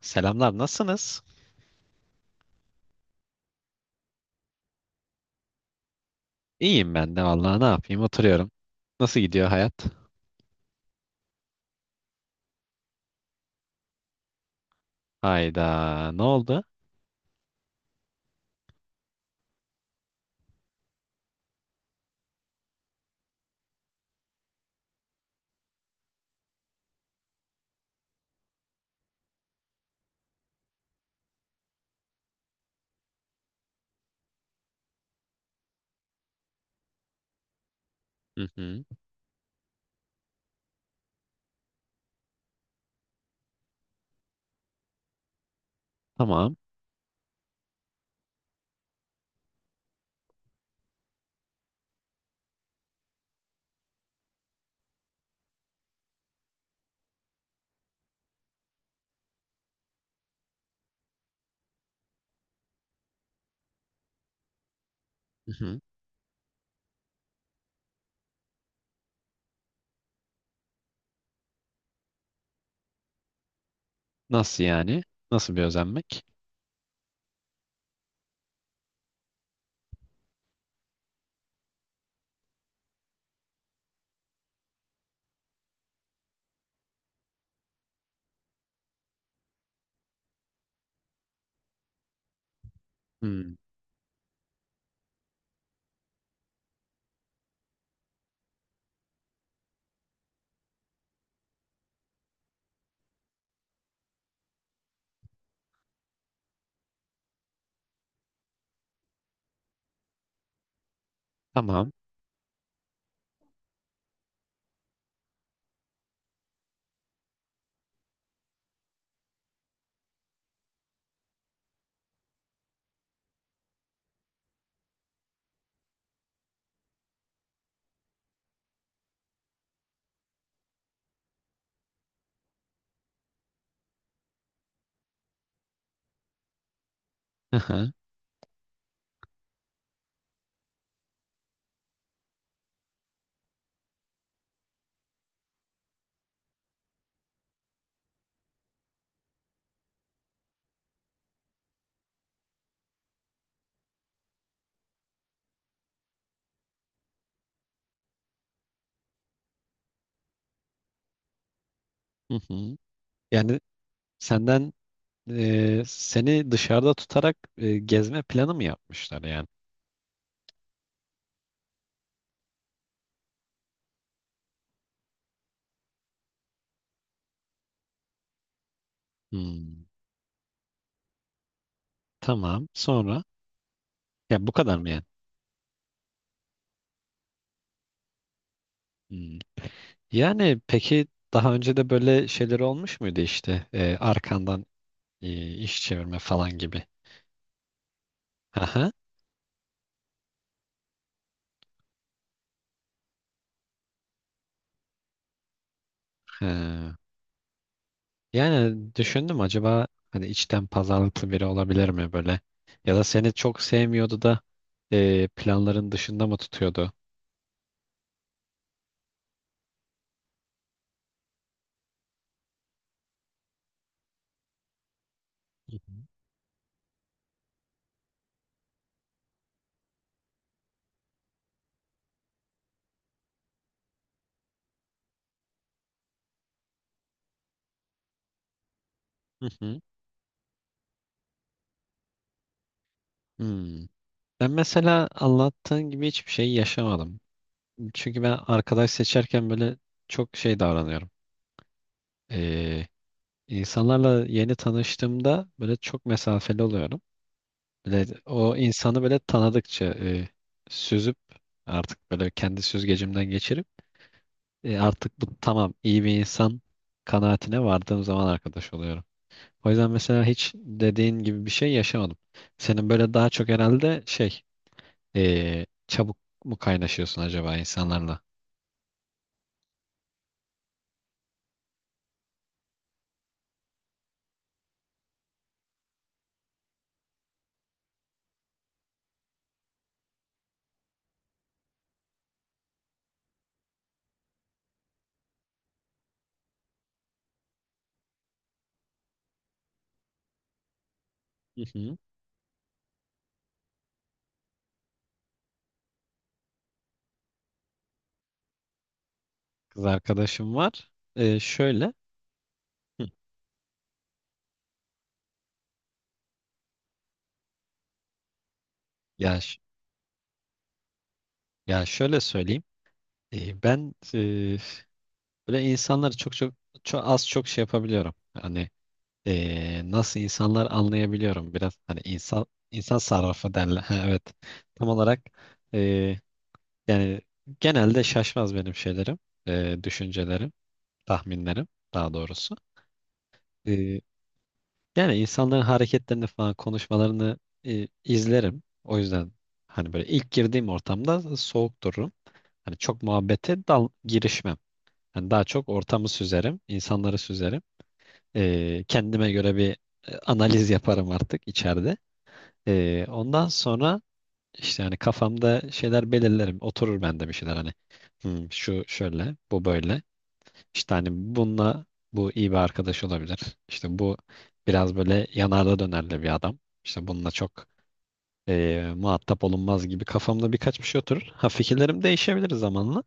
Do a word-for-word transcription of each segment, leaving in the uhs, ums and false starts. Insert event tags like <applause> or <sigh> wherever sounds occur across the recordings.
Selamlar, nasılsınız? İyiyim ben de vallahi ne yapayım oturuyorum. Nasıl gidiyor hayat? Hayda, ne oldu? Hı hı, tamam. Hı hı. Nasıl yani? Nasıl bir özenmek? Hı, tamam. Hı hı, hı hı. Yani senden e, seni dışarıda tutarak e, gezme planı mı yapmışlar yani? Hı, tamam. Sonra ya bu kadar mı yani? Hı. Yani peki daha önce de böyle şeyler olmuş muydu işte e, arkandan e, iş çevirme falan gibi? Aha. He. Yani düşündüm acaba hani içten pazarlıklı biri olabilir mi böyle? Ya da seni çok sevmiyordu da e, planların dışında mı tutuyordu? Hı hı. Hı hı. Hmm. Ben mesela anlattığın gibi hiçbir şey yaşamadım. Çünkü ben arkadaş seçerken böyle çok şey davranıyorum. Ee, insanlarla yeni tanıştığımda böyle çok mesafeli oluyorum. Böyle o insanı böyle tanıdıkça e, süzüp artık böyle kendi süzgecimden geçirip, E, artık bu tamam, iyi bir insan kanaatine vardığım zaman arkadaş oluyorum. O yüzden mesela hiç dediğin gibi bir şey yaşamadım. Senin böyle daha çok herhalde şey e, çabuk mu kaynaşıyorsun acaba insanlarla? Hı hı. Kız arkadaşım var. E, şöyle. Hı. Ya Ya şöyle söyleyeyim. E, ben e, böyle insanları çok çok çok az çok şey yapabiliyorum. Hani e, nasıl insanlar anlayabiliyorum biraz. Hani insan insan sarrafı derler. <laughs> Ha, evet. Tam olarak e, yani genelde şaşmaz benim şeylerim, e, düşüncelerim, tahminlerim daha doğrusu. E, Yani insanların hareketlerini falan konuşmalarını e, izlerim. O yüzden hani böyle ilk girdiğim ortamda soğuk dururum. Hani çok muhabbete dal girişmem. Yani daha çok ortamı süzerim, insanları süzerim. Ee, kendime göre bir e, analiz yaparım artık içeride. Ee, ondan sonra işte hani kafamda şeyler belirlerim. Oturur bende bir şeyler hani. "Hmm, şu şöyle, bu böyle. İşte hani bununla bu iyi bir arkadaş olabilir. İşte bu biraz böyle yanarda dönerli bir adam. İşte bununla çok e, muhatap olunmaz" gibi kafamda birkaç bir şey oturur. Ha, fikirlerim değişebilir zamanla.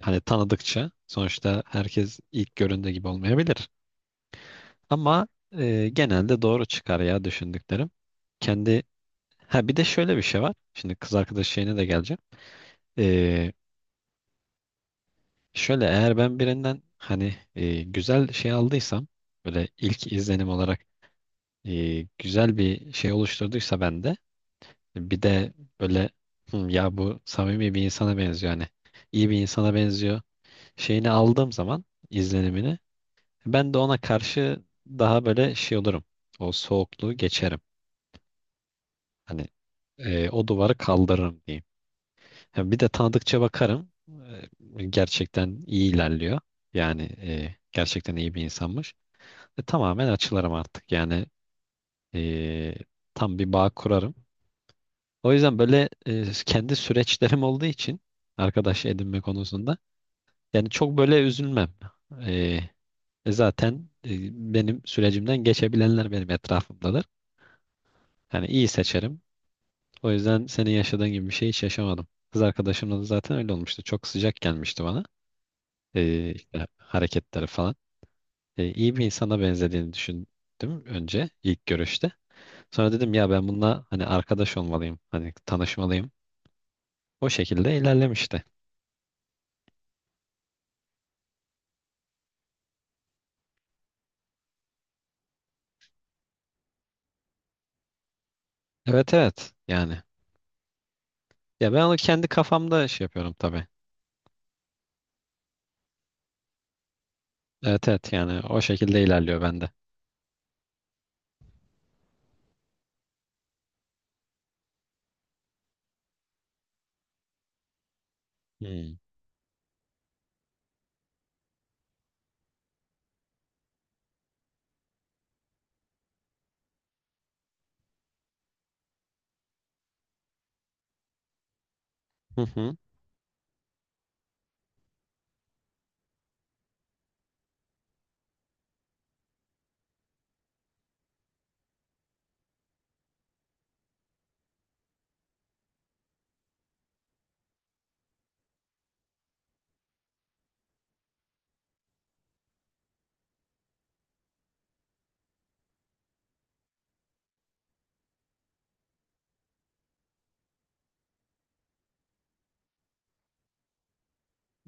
Hani tanıdıkça sonuçta herkes ilk göründüğü gibi olmayabilir. Ama e, genelde doğru çıkar ya düşündüklerim. Kendi, ha bir de şöyle bir şey var. Şimdi kız arkadaş şeyine de geleceğim. E, Şöyle, eğer ben birinden hani e, güzel şey aldıysam, böyle ilk izlenim olarak e, güzel bir şey oluşturduysa bende, bir de böyle "Hı, ya bu samimi bir insana benziyor, hani iyi bir insana benziyor" şeyini aldığım zaman, izlenimini, ben de ona karşı daha böyle şey olurum. O soğukluğu geçerim. Hani e, o duvarı kaldırırım diyeyim. Ha, bir de tanıdıkça bakarım. E, gerçekten iyi ilerliyor. Yani e, gerçekten iyi bir insanmış. E, tamamen açılırım artık. Yani e, tam bir bağ kurarım. O yüzden böyle e, kendi süreçlerim olduğu için arkadaş edinme konusunda yani çok böyle üzülmem. E, e, zaten e, benim sürecimden geçebilenler benim etrafımdadır. Yani iyi seçerim. O yüzden senin yaşadığın gibi bir şey hiç yaşamadım. Kız arkadaşımla da zaten öyle olmuştu. Çok sıcak gelmişti bana. Ee, işte hareketleri falan. Ee, iyi bir insana benzediğini düşündüm önce ilk görüşte. Sonra dedim ya, ben bununla hani arkadaş olmalıyım. Hani tanışmalıyım. O şekilde ilerlemişti. Evet evet, yani. Ya ben onu kendi kafamda şey yapıyorum tabii. Evet evet, yani o şekilde ilerliyor bende. Hmm. Hı hı.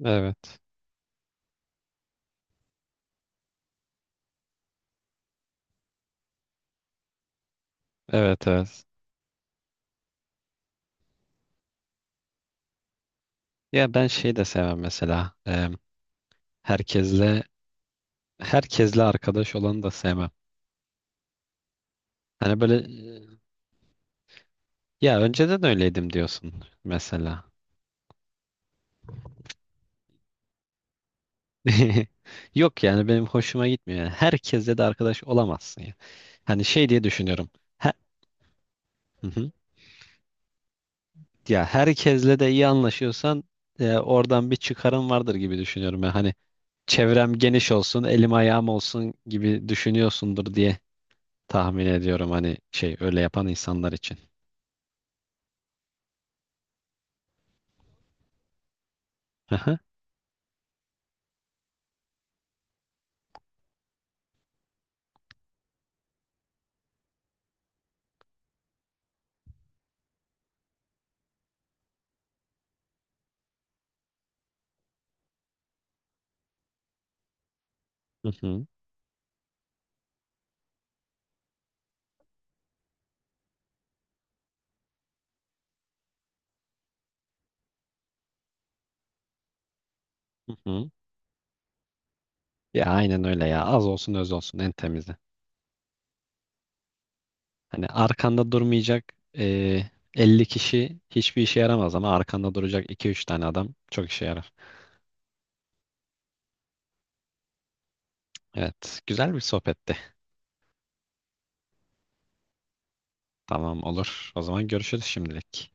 Evet. Evet evet. Ya ben şey de sevmem mesela. Em, herkesle herkesle arkadaş olanı da sevmem. Hani böyle e, ya önceden öyleydim diyorsun mesela. <laughs> Yok yani benim hoşuma gitmiyor. Yani herkesle de arkadaş olamazsın ya. Hani şey diye düşünüyorum. He- hı hı. Ya herkesle de iyi anlaşıyorsan e, oradan bir çıkarım vardır gibi düşünüyorum. Yani hani çevrem geniş olsun, elim ayağım olsun gibi düşünüyorsundur diye tahmin ediyorum, hani şey, öyle yapan insanlar için. Hı hı. Hı hı. Hı hı. Ya aynen öyle ya. Az olsun öz olsun en temizi. Hani arkanda durmayacak eee elli kişi hiçbir işe yaramaz ama arkanda duracak iki üç tane adam çok işe yarar. Evet, güzel bir sohbetti. Tamam, olur. O zaman görüşürüz şimdilik.